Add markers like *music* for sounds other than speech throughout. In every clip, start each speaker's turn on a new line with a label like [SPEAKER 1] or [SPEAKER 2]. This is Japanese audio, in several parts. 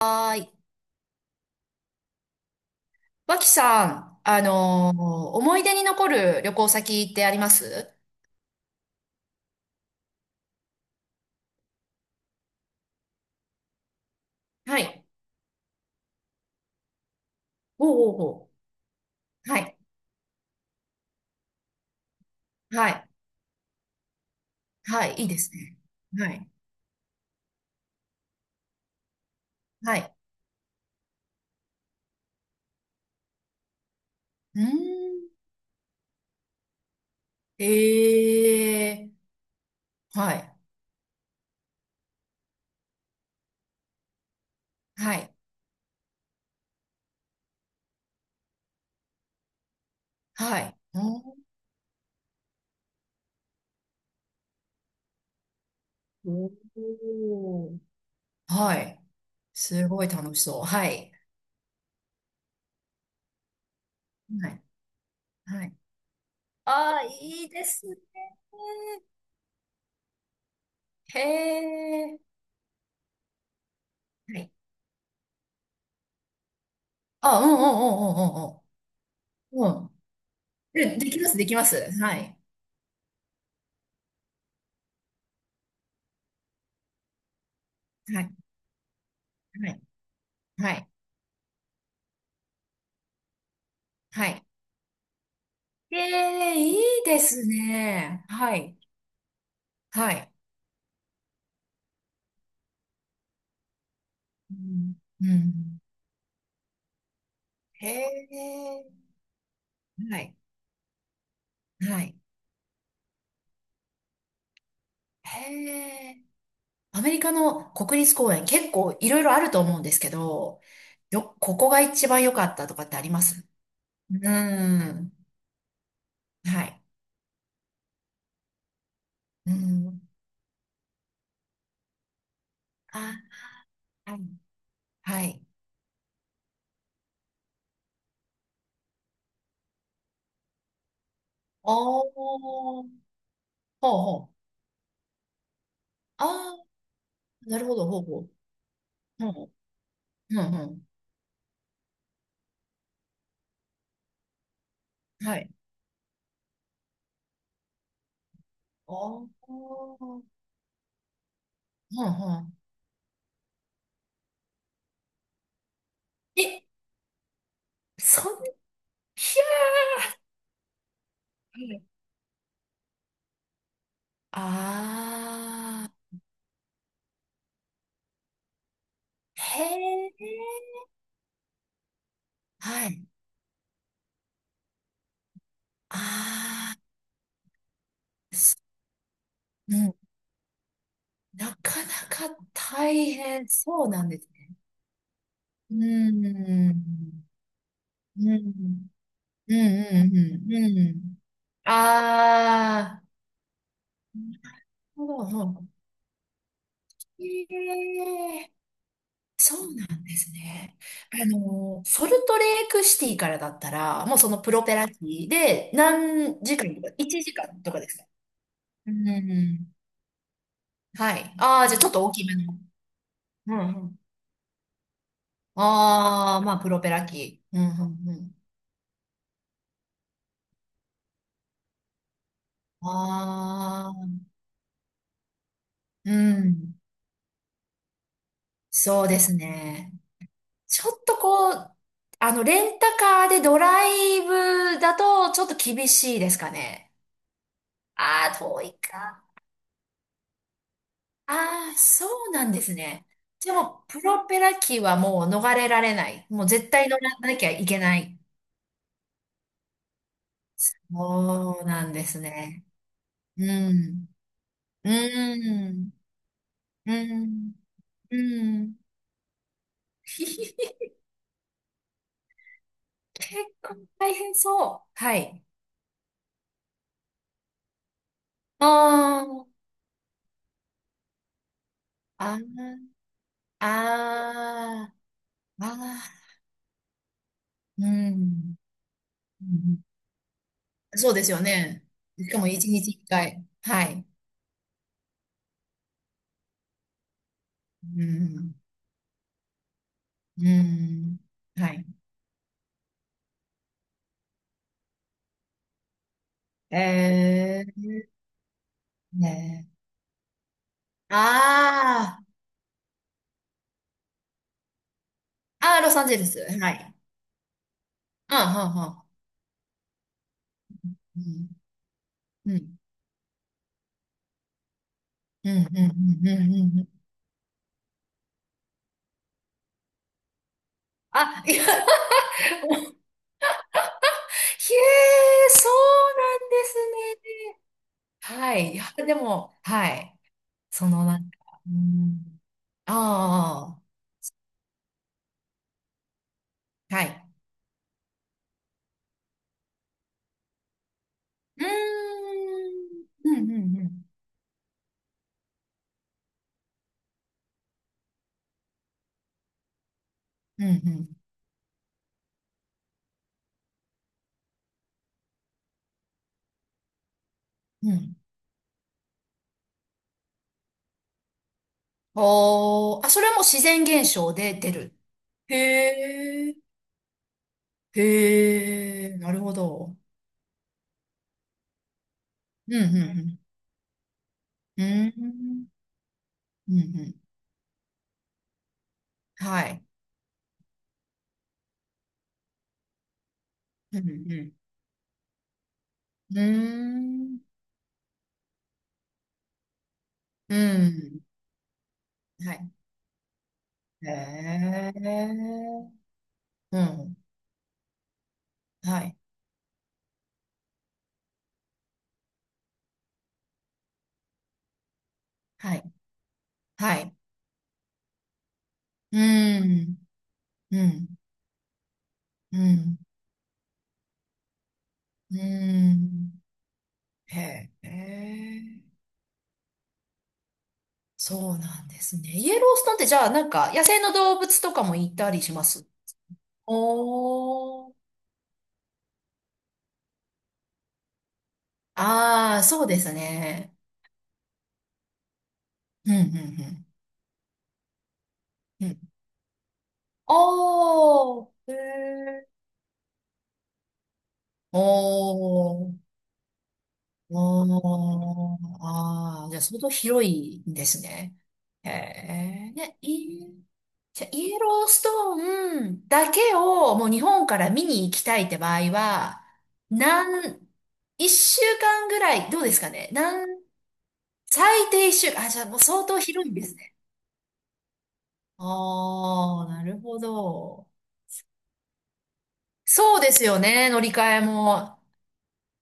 [SPEAKER 1] はーい。脇さん、思い出に残る旅行先ってありますはい。おうおうおう。はい。はい。はい。いいですね。はい。はい。うーん。ええー。はい。はい。はい。おーおー、はい。すごい楽しそう。はい。はい。はい。ああ、いいですね。へえ。はい。あ、うんうんうん。うんうんうん。うん。で、できます、できます。はい。はい。はい。はい。はい。ええ、いいですね。はい。はい。うん。うん。へえ。はい。はい。へえ。アメリカの国立公園、結構いろいろあると思うんですけど、ここが一番良かったとかってありますうん。はい。うん。あ、はい。はい。おー。ほうほう。ああ、なるほど、ほうほう。うん。うん、うん。はい。おー。ほうん。うん。え、そん、ひゃー。ああ、へえ、はい。ああ、す、うん。なかなか大変そうなんですね。うん、うん、うん、うん、うん。うん。ああ、なるほど。へえ、そうなんですね。あの、ソルトレークシティからだったら、もうそのプロペラ機で何時間とか、1時間とかですうん。はい。ああ、じゃあちょっと大きめの。うんうん。ああ、まあ、プロペラ機。うんうんうん。ああ、うん。そうですね。ちょっとこう、あの、レンタカーでドライブだとちょっと厳しいですかね。ああ、遠いか。ああ、そうなんですね。でも、プロペラ機はもう逃れられない。もう絶対乗らなきゃいけない。そうなんですね。うん。うん。うん。うん。*laughs* 結構大変そう。はい。あー、あー、あー、あー、うん。うん。そうですよね。しかも一日一回。はい。うん。うん。はい。えー、ねえ。ああ、ああ、ロサンゼルス。はい。ああ、はあ、はあ。うん。うん。うん。うん。うん。うん。うん。あ、いや、*laughs* へえ、そうなんですね。はい。いや、でも、はい。そのなんか、うん。ああ、はい。うーん。うん、うん、うん。うん、うん。うん。おー、あ、それも自然現象で出る。へえ、へえ、なるほど。うん、うん、うん。うん、うん、うん。はい。うん、うん。うーん、うん。はい。へえ、うん。はい。はい。はい。うん。うん。うん。うん。へえ。そうなんですね。イエローストーンってじゃあなんか野生の動物とかもいたりしますおー。ああ、そうですね。うん、うん、うん。うん。おー。へえ。おー。おー、ああ、じゃあ相当広いんですね。へえ、ね、いい、じゃあイエローストーンだけをもう日本から見に行きたいって場合は、何、一週間ぐらい、どうですかね。何、最低一週間、あ、じゃあもう相当広いんですね。ああ、なるほど。そうですよね、乗り換えも。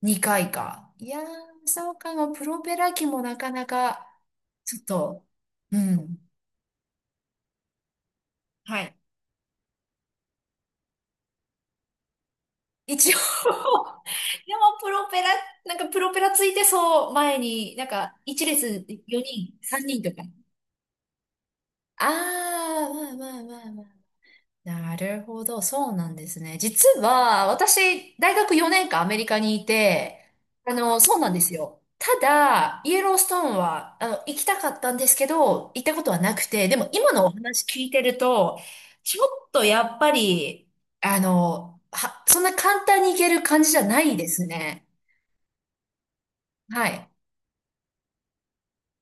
[SPEAKER 1] 2回か。いやー、そうかも。プロペラ機もなかなか、ちょっと、うん。はい。一応 *laughs* でもプロペラ、なんかプロペラついてそう、前に、なんか、一列4人、3人とか。あー、まあまあまあまあ、なるほど、そうなんですね。実は、私、大学4年間アメリカにいて、あの、そうなんですよ。ただ、イエローストーンは、あの、行きたかったんですけど、行ったことはなくて、でも今のお話聞いてると、ちょっとやっぱり、あの、は、そんな簡単に行ける感じじゃないですね。はい。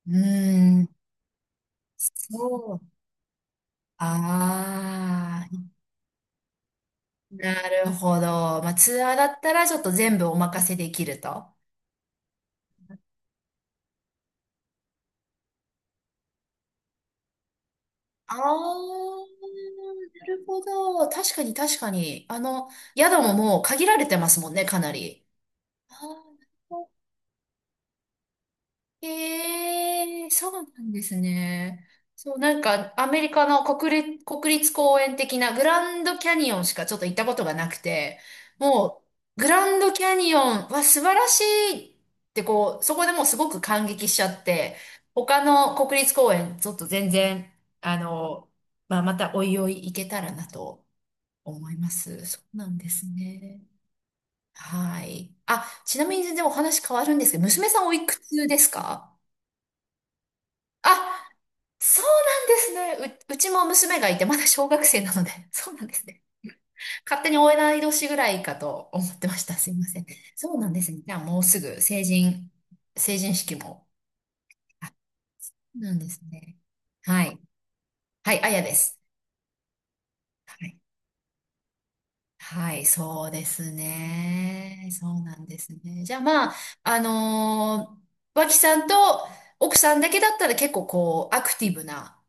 [SPEAKER 1] うーん、そう。ああ、なるほど。まあ、ツアーだったらちょっと全部お任せできると。ああ、なるほど。確かに確かに。あの、宿ももう限られてますもんね、かなり。あー、へえ、そうなんですね。そう、なんか、アメリカの国立、国立公園的なグランドキャニオンしかちょっと行ったことがなくて、もう、グランドキャニオンは素晴らしいって、こう、そこでもうすごく感激しちゃって、他の国立公園、ちょっと全然、あの、まあ、またおいおい行けたらなと思います。そうなんですね。はい。あ、ちなみに全然お話変わるんですけど、娘さんおいくつですか？あ、そうなんですね。う、うちも娘がいて、まだ小学生なので、*laughs* そうなんですね。勝手にえない年ぐらいかと思ってました。すいません。そうなんですね。じゃあもうすぐ成人、成人式も。あ、そうなんですね。はい。はい、あやです。はい。はい、そうですね。そうなんですね。じゃあまあ、あのー脇さんと奥さんだけだったら結構こう、アクティブな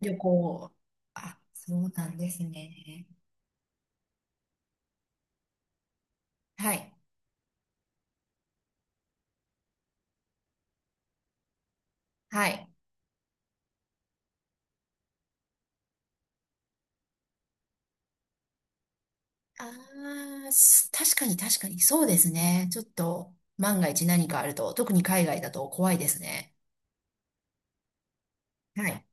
[SPEAKER 1] 旅行。あ、そうなんですね。はい。はい。ああ、す、確かに確かに、そうですね。ちょっと、万が一何かあると、特に海外だと怖いですね。はい。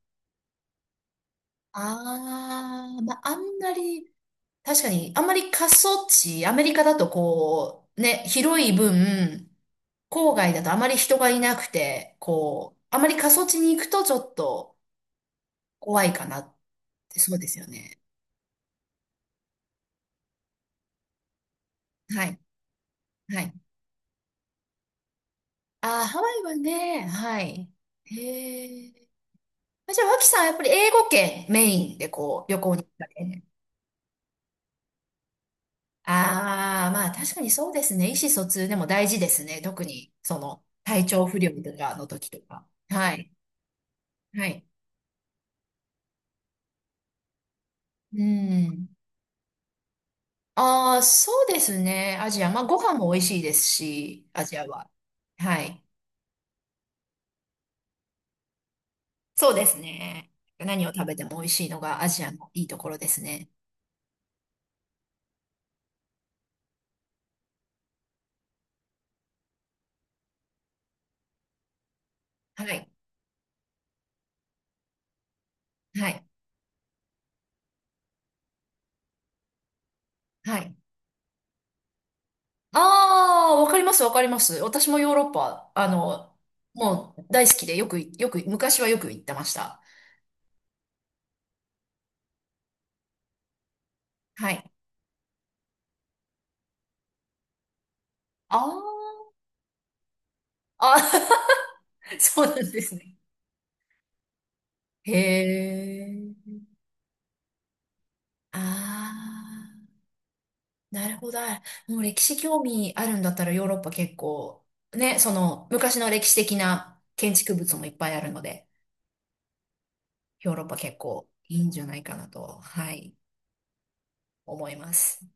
[SPEAKER 1] ああ、まあ、あんまり、確かに、あんまり過疎地、アメリカだとこう、ね、広い分、郊外だとあまり人がいなくて、こう、あまり過疎地に行くとちょっと怖いかなって、そうですよね。はい、はい。ああ、ハワイはね、はい。へえ。じゃあ、脇さんはやっぱり英語圏メインでこう、旅行に行ったりね。ああ、まあ確かにそうですね。意思疎通でも大事ですね。特に、その、体調不良とかの時とか。はい。はい。うん。ああ、そうですね。アジア。まあご飯も美味しいですし、アジアは。はい。そうですね。何を食べても美味しいのがアジアのいいところですね。はい。はい。はい。ああ、わかります、わかります。私もヨーロッパ、あの、もう大好きでよく、よく、昔はよく行ってました。はい。あー、あ、 *laughs* そうなんですね。へえ。ああ、なるほど。もう歴史興味あるんだったらヨーロッパ結構、ね、その昔の歴史的な建築物もいっぱいあるので、ヨーロッパ結構いいんじゃないかなと、はい、思います。